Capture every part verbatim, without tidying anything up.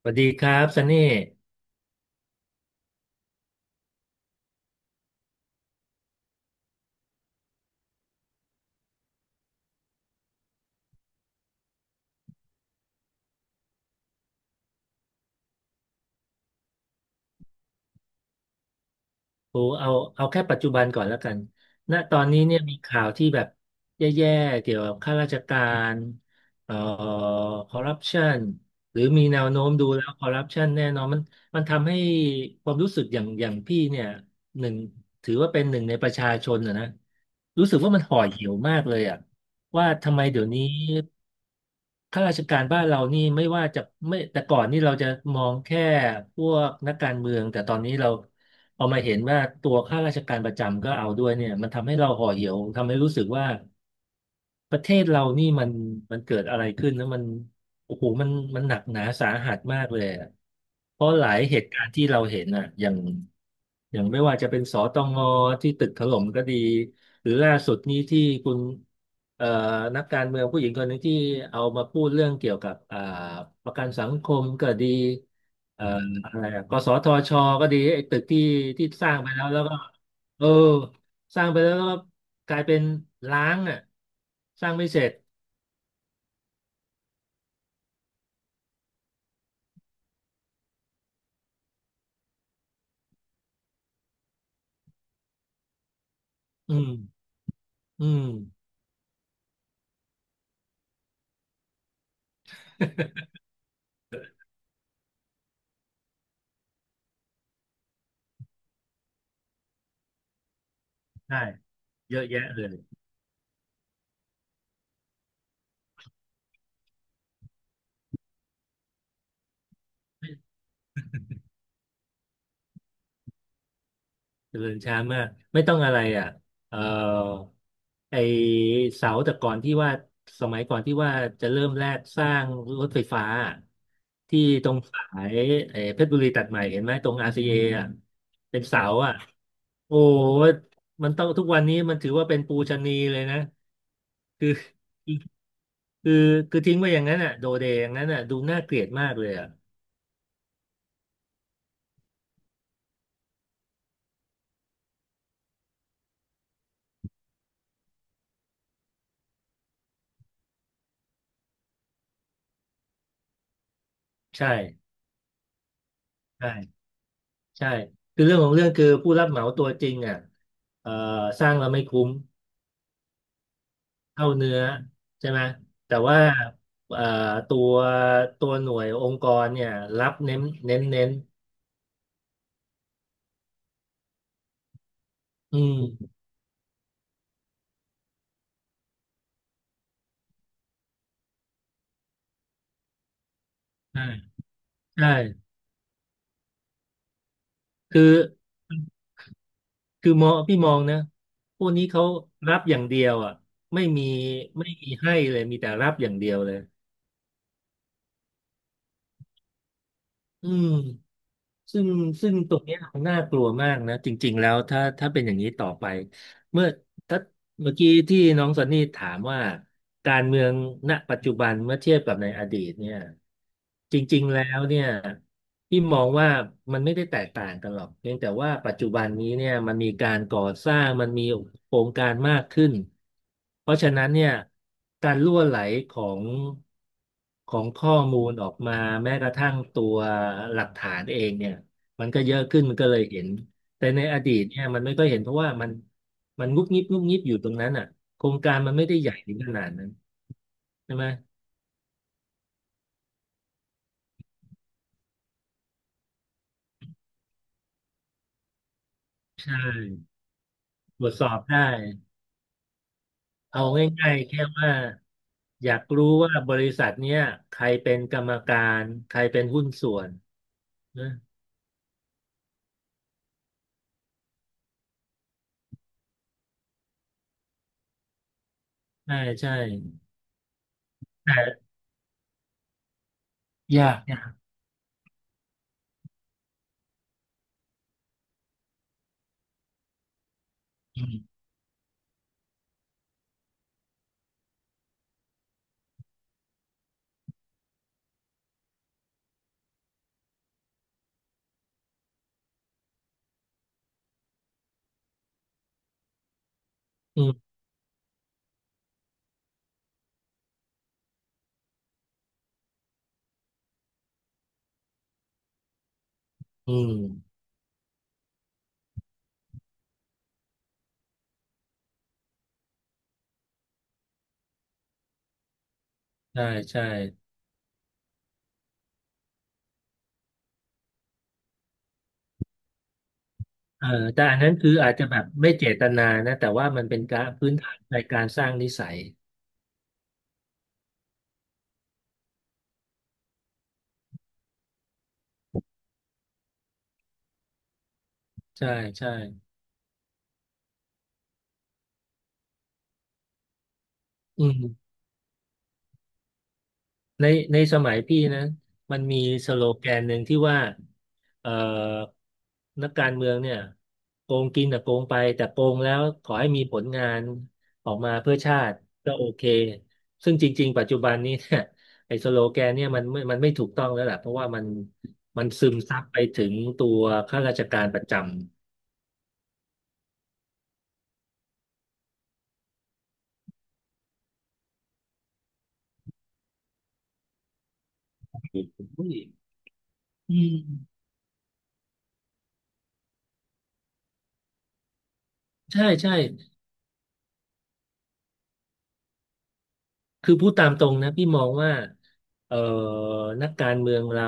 สวัสดีครับซันนี่ โอ้เอาเอาแค่ปัจจุบันก่อนแล้วกันณตอนนี้เนี่ยมีข่าวที่แบบแย่ๆเกี่ยวกับข้าราชการเอ่อคอร์รัปชันหรือมีแนวโน้มดูแล้วคอร์รัปชันแน่นอนมันมันทำให้ความรู้สึกอย่างอย่างพี่เนี่ยหนึ่งถือว่าเป็นหนึ่งในประชาชนอะนะรู้สึกว่ามันห่อเหี่ยวมากเลยอ่ะว่าทำไมเดี๋ยวนี้ข้าราชการบ้านเรานี่ไม่ว่าจะไม่แต่ก่อนนี่เราจะมองแค่พวกนักการเมืองแต่ตอนนี้เรา พอมาเห็นว่าตัวข้าราชการประจำก็เอาด้วยเนี่ยมันทำให้เราห่อเหี่ยวทำให้รู้สึกว่า ประเทศเรานี่มันมันเกิดอะไรขึ้นนะมันโอ้โหมันมันหนักหนาสาหัสมากเลยอะเพราะหลายเหตุการณ์ที่เราเห็นอ่ะอย่างอย่างไม่ว่าจะเป็นสตงที่ตึกถล่มก็ดีหรือล่าสุดนี้ที่คุณเอ่อนักการเมืองผู้หญิงคนหนึ่งที่เอามาพูดเรื่องเกี่ยวกับอ่าประกันสังคมก็ดีเอ่ออะไรอะกสทชก็ดีไอ้ตึกที่ที่สร้างไปแล้วแล้วก็เออ สร้างไปแล้วก็กลายเป็นล้างอ่ะสร้างไม่เสร็จอืมอืมใช่เยอะแยะเลยเจริญช้ามากไม่ต้องอะไรอ่ะเอ่อไอเสาแต่ก่อนที่ว่าสมัยก่อนที่ว่าจะเริ่มแรกสร้างรถไฟฟ้าที่ตรงสายไอเพชรบุรีตัดใหม่เห็นไหมตรง อาร์ ซี เอ ออ่ะเป็นเสาอ่ะโอ้ยมันต้องทุกวันนี้มันถือว่าเป็นปูชนียเลยนะ คือ คือ คือทิ้งไว้อย่างนั้นอ่ะโดเดอย่างนั้นอ่ะดูน่าเกลียดมากเลยอ่ะใช่ใช่ใช่คือเรื่องของเรื่องคือผู้รับเหมาตัวจริงอ่ะเอ่อสร้างเราไม่คุ้มเท่าเนื้อใช่ไหมแต่ว่าเอ่อตัวตัวหน่วยองค์กรเนี่ยรับเน้นเน้นเน้นอืมใช่ใช่คือคือมองพี่มองนะพวกนี้เขารับอย่างเดียวอ่ะไม่มีไม่มีให้เลย มีแต่รับอย่างเดียวเลยอืม ซึ่งซึ่งตรงเนี้ยน่ากลัวมากนะจริงๆแล้วถ้าถ้าเป็นอย่างนี้ต่อไปเมื่อถ้าเมื่อกี้ที่น้องซันนี่ถามว่าการเมืองณปัจจุบันเมื่อเทียบกับในอดีตเนี่ยจริงๆแล้วเนี่ย ที่มองว่ามันไม่ได้แตกต่างกันหรอกเพียงแต่ว่าปัจจุบันนี้เนี่ยมันมีการก่อสร้างมันมีโครงการมากขึ้นเพราะฉะนั้นเนี่ยการรั่วไหลของของข้อมูลออกมาแม้กระทั่งตัวหลักฐานเองเนี่ยมันก็เยอะขึ้นมันก็เลยเห็นแต่ในอดีตเนี่ยมันไม่ค่อยเห็นเพราะว่ามันมันงุบงิบงุบงิบอยู่ตรงนั้นอ่ะโครงการมันไม่ได้ใหญ่ถึงขนาดนั้นใช่ไหมใช่ตรวจสอบได้ เอาง่ายๆแค่ว่าอยากรู้ว่าบริษัทเนี้ยใครเป็นกรรมการใครเป็นหุ้นส่วนนะใช่ใช่แต่ยากยากอืมอืมอืมใช่ใช่เออแต่อันนั้นคืออาจจะแบบไม่เจตนานะแต่ว่ามันเป็นการพื้นฐานในการสร้างนิสัยใช่ใช่อืม ในในสมัยพี่นะมันมีสโลแกนหนึ่งที่ว่าเอ่อนักการเมืองเนี่ยโกงกินแต่โกงไปแต่โกงแล้วขอให้มีผลงานออกมาเพื่อชาติก็โอเคซึ่งจริงๆปัจจุบันนี้เนี่ยไอ้สโลแกนเนี่ยมันไม่มันไม่ถูกต้องแล้วแหละเพราะว่ามันมันซึมซับไปถึงตัวข้าราชการประจำอืมใช่ใช่ คือพูดตามตรงนะพี่มองว่าเอ่อนักการเมืองเรา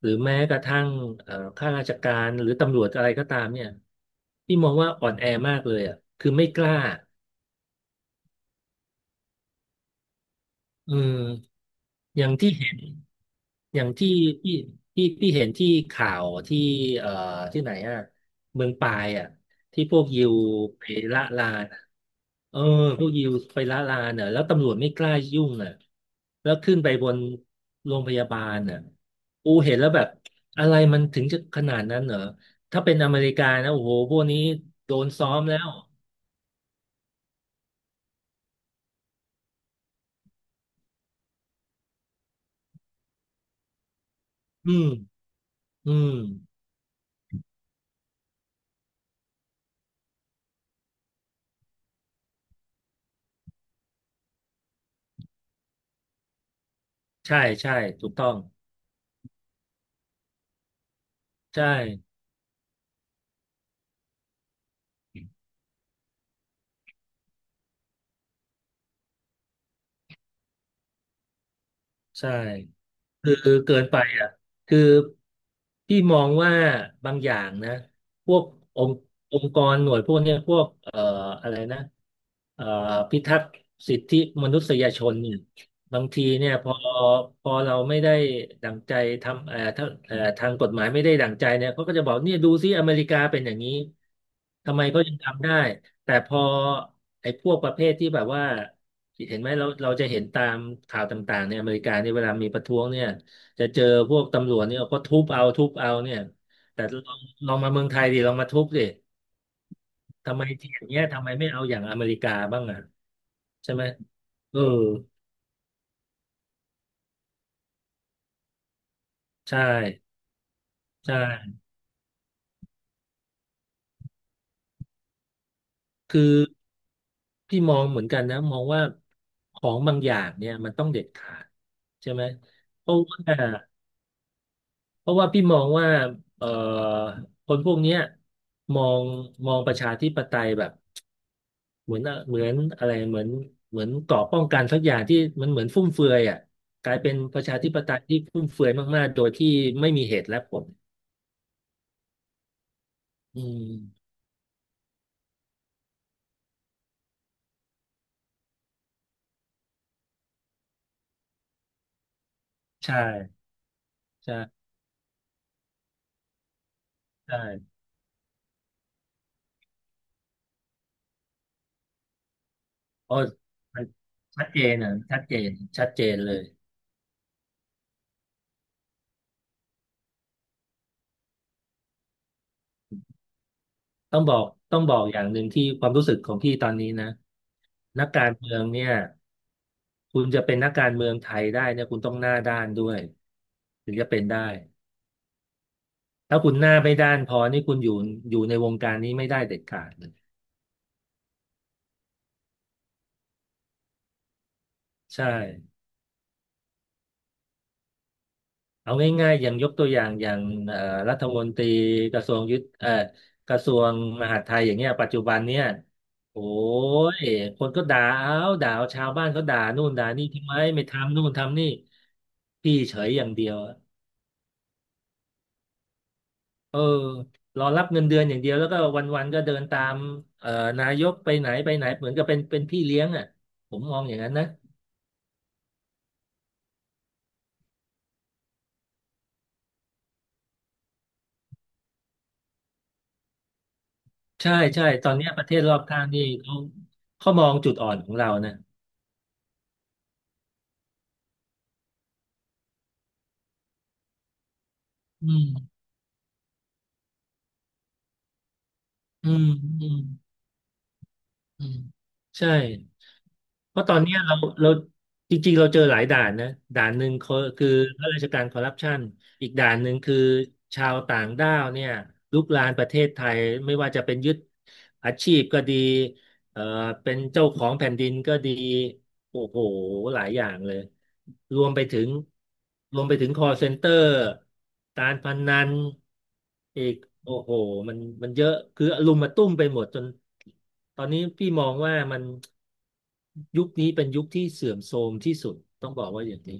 หรือแม้กระทั่งเอ่อข้าราชการหรือตำรวจอะไรก็ตามเนี่ยพี่มองว่าอ่อนแอมากเลยอ่ะคือไม่กล้าอืมอย่างที่เห็น อย่างที่ที่ที่ที่เห็นที่ข่าวที่เอ่อที่ไหนอ่ะเมืองปายอ่ะที่พวกยิวไปละลานเออพวกยิวไปละลานเน่ะแล้วตำรวจไม่กล้ายุ่งอ่ะแล้วขึ้นไปบนโรงพยาบาลอ่ะอูเห็นแล้วแบบอะไรมันถึงจะขนาดนั้นเหรอถ้าเป็นอเมริกานะโอ้โหพวกนี้โดนซ้อมแล้วอืมอืมใช่ใช่ถูกต้องใช่ใช่ คือเกินไปอ่ะคือพี่มองว่าบางอย่างนะพวกองค์องค์กรหน่วยพวกเนี้ยพวกเอ่ออะไรนะเอ่อพิทักษ์สิทธิมนุษยชนเนี่ยบางทีเนี่ยพอพอเราไม่ได้ดั่งใจทำเอ่อถ้าเอ่อทางกฎหมายไม่ได้ดั่งใจเนี่ยเขาก็จะบอกเนี่ยดูซิอเมริกาเป็นอย่างนี้ทำไมเขายังทำได้ แต่พอไอ้พวกประเภทที่แบบว่าเห็นไหมเราเราจะเห็นตามข่าวต่างๆในอเมริกาเนี่ยเวลามีประท้วงเนี่ยจะเจอพวกตำรวจเนี่ยก็ทุบเอาทุบเอาเนี่ยแต่ลองลองมาเมืองไทยดิลองมาทุบดิทำไมที่อย่างเงี้ยทำไมไม่เอาอย่างอเมริกาบ้างอ่ะใช่ไหมเออใช่ใช่คือพี่มองเหมือนกันนะมองว่าของบางอย่างเนี่ยมันต้องเด็ดขาดใช่ไหมเพราะว่า เพราะว่าพี่มองว่าเอ่อคนพวกเนี้ยมองมองประชาธิปไตยแบบเหมือนเหมือนอะไรเหมือนเหมือนเกราะป้องกันสักอย่างที่มันเหมือนฟุ่มเฟือยอ่ะกลายเป็นประชาธิปไตยที่ฟุ่มเฟือยมากๆโดยที่ไม่มีเหตุและผลอืมใช่ใช่ใช่เพราะมันชัดเจนอ่ะชัดเจนชัดเจนเลยต้องบอกต้องบอกอย่างหนึ่งที่ความรู้สึกของพี่ตอนนี้นะนักการเมืองเนี่ย คุณจะเป็นนักการเมืองไทยได้เนี่ยคุณต้องหน้าด้านด้วยถึงจะเป็นได้ถ้าคุณหน้าไม่ด้านพอนี่คุณอยู่อยู่ในวงการนี้ไม่ได้เด็ดขาดเลยใช่เอาง่ายๆอย่างยกตัวอย่างอย่างเอ่อรัฐมนตรีกระทรวงยุทธเอ่อกระทรวงมหาดไทยอย่างเงี้ยปัจจุบันเนี่ยโอ้ยคนก็ด่าเอาด่าเอาชาวบ้านเขาด่านู่นด่านี่ทำไมไม่ทำนู่นทำนี่พี่เฉยอย่างเดียว เออรอรับเงินเดือนอย่างเดียวแล้วก็วันๆก็เดินตามเอ่อนายกไปไหนไปไหนเหมือนกับเป็นเป็นพี่เลี้ยงอ่ะผมมองอย่างนั้นนะใช่ใช่ตอนเนี้ยประเทศรอบข้างนี่เขาเขามองจุดอ่อนของเรานะอืมอืมอืมอืมใช่เพราะตอนเนี้ยเราเราจริงๆเราเจอหลายด่านนะด่านหนึ่งคือคือข้าราชการคอร์รัปชันอีกด่านหนึ่งคือชาวต่างด้าวเนี่ยลุกลานประเทศไทยไม่ว่าจะเป็นยึดอาชีพก็ดี เอ่อเป็นเจ้าของแผ่นดินก็ดีโอ้โหหลายอย่างเลยรวมไปถึงรวมไปถึงคอ แอล เซนเตอร์การพนันอีกโอ้โหมันมันเยอะคืออลุมมาตุ้มไปหมดจนตอนนี้พี่มองว่ามันยุคนี้เป็นยุคที่เสื่อมโทรมที่สุดต้องบอกว่าอย่างนี้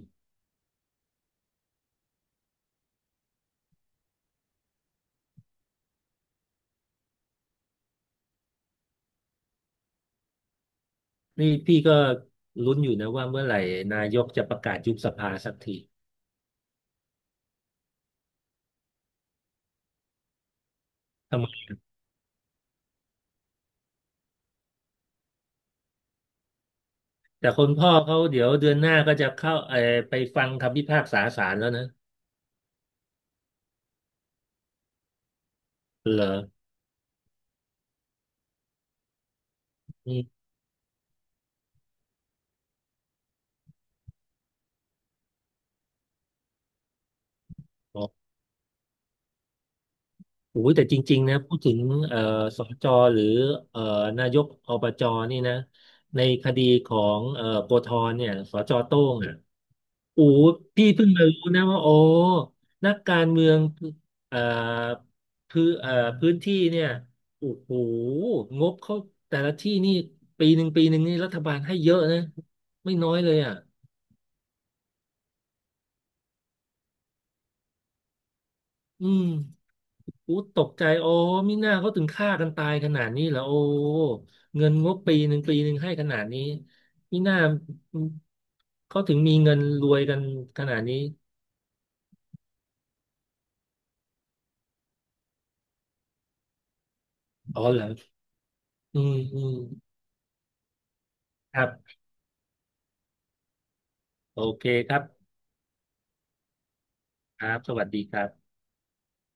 นี่พี่ก็ลุ้นอยู่นะว่าเมื่อไหร่นายกจะประกาศยุบสภาสักทีทำไม แต่คนพ่อเขาเดี๋ยวเดือนหน้าก็จะเข้าเออไปฟังคำพิพากษาศาลแล้วนะ เหรออืมอ๋อโอ้ยแต่จริงๆนะพูดถึงเอ่อสจหรือเอ่อนายกอ บ จนี่นะในคดีของเอ่อโกธรเนี่ยสจโต้งอ่ะโอ้ยพี่เพิ่งมารู้นะว่าโอ้นักการเมืองเอ่อพื้นเอ่อพื้นที่เนี่ยโอ้โหงบเขาแต่ละที่นี่ปีหนึ่งปีหนึ่งนี่รัฐบาลให้เยอะนะไม่น้อยเลยอ่ะ อืมอู้ตกใจโอ้มิน่าเขาถึงฆ่ากันตายขนาดนี้เหรอโอ้เงินงบปีหนึ่งปีหนึ่งให้ขนาดนี้มิน่าเขาถึงมีเงินรวยกันขนาดนี้อ๋อเหรออืมอืมครับโอเคครับครับสวัสดีครับ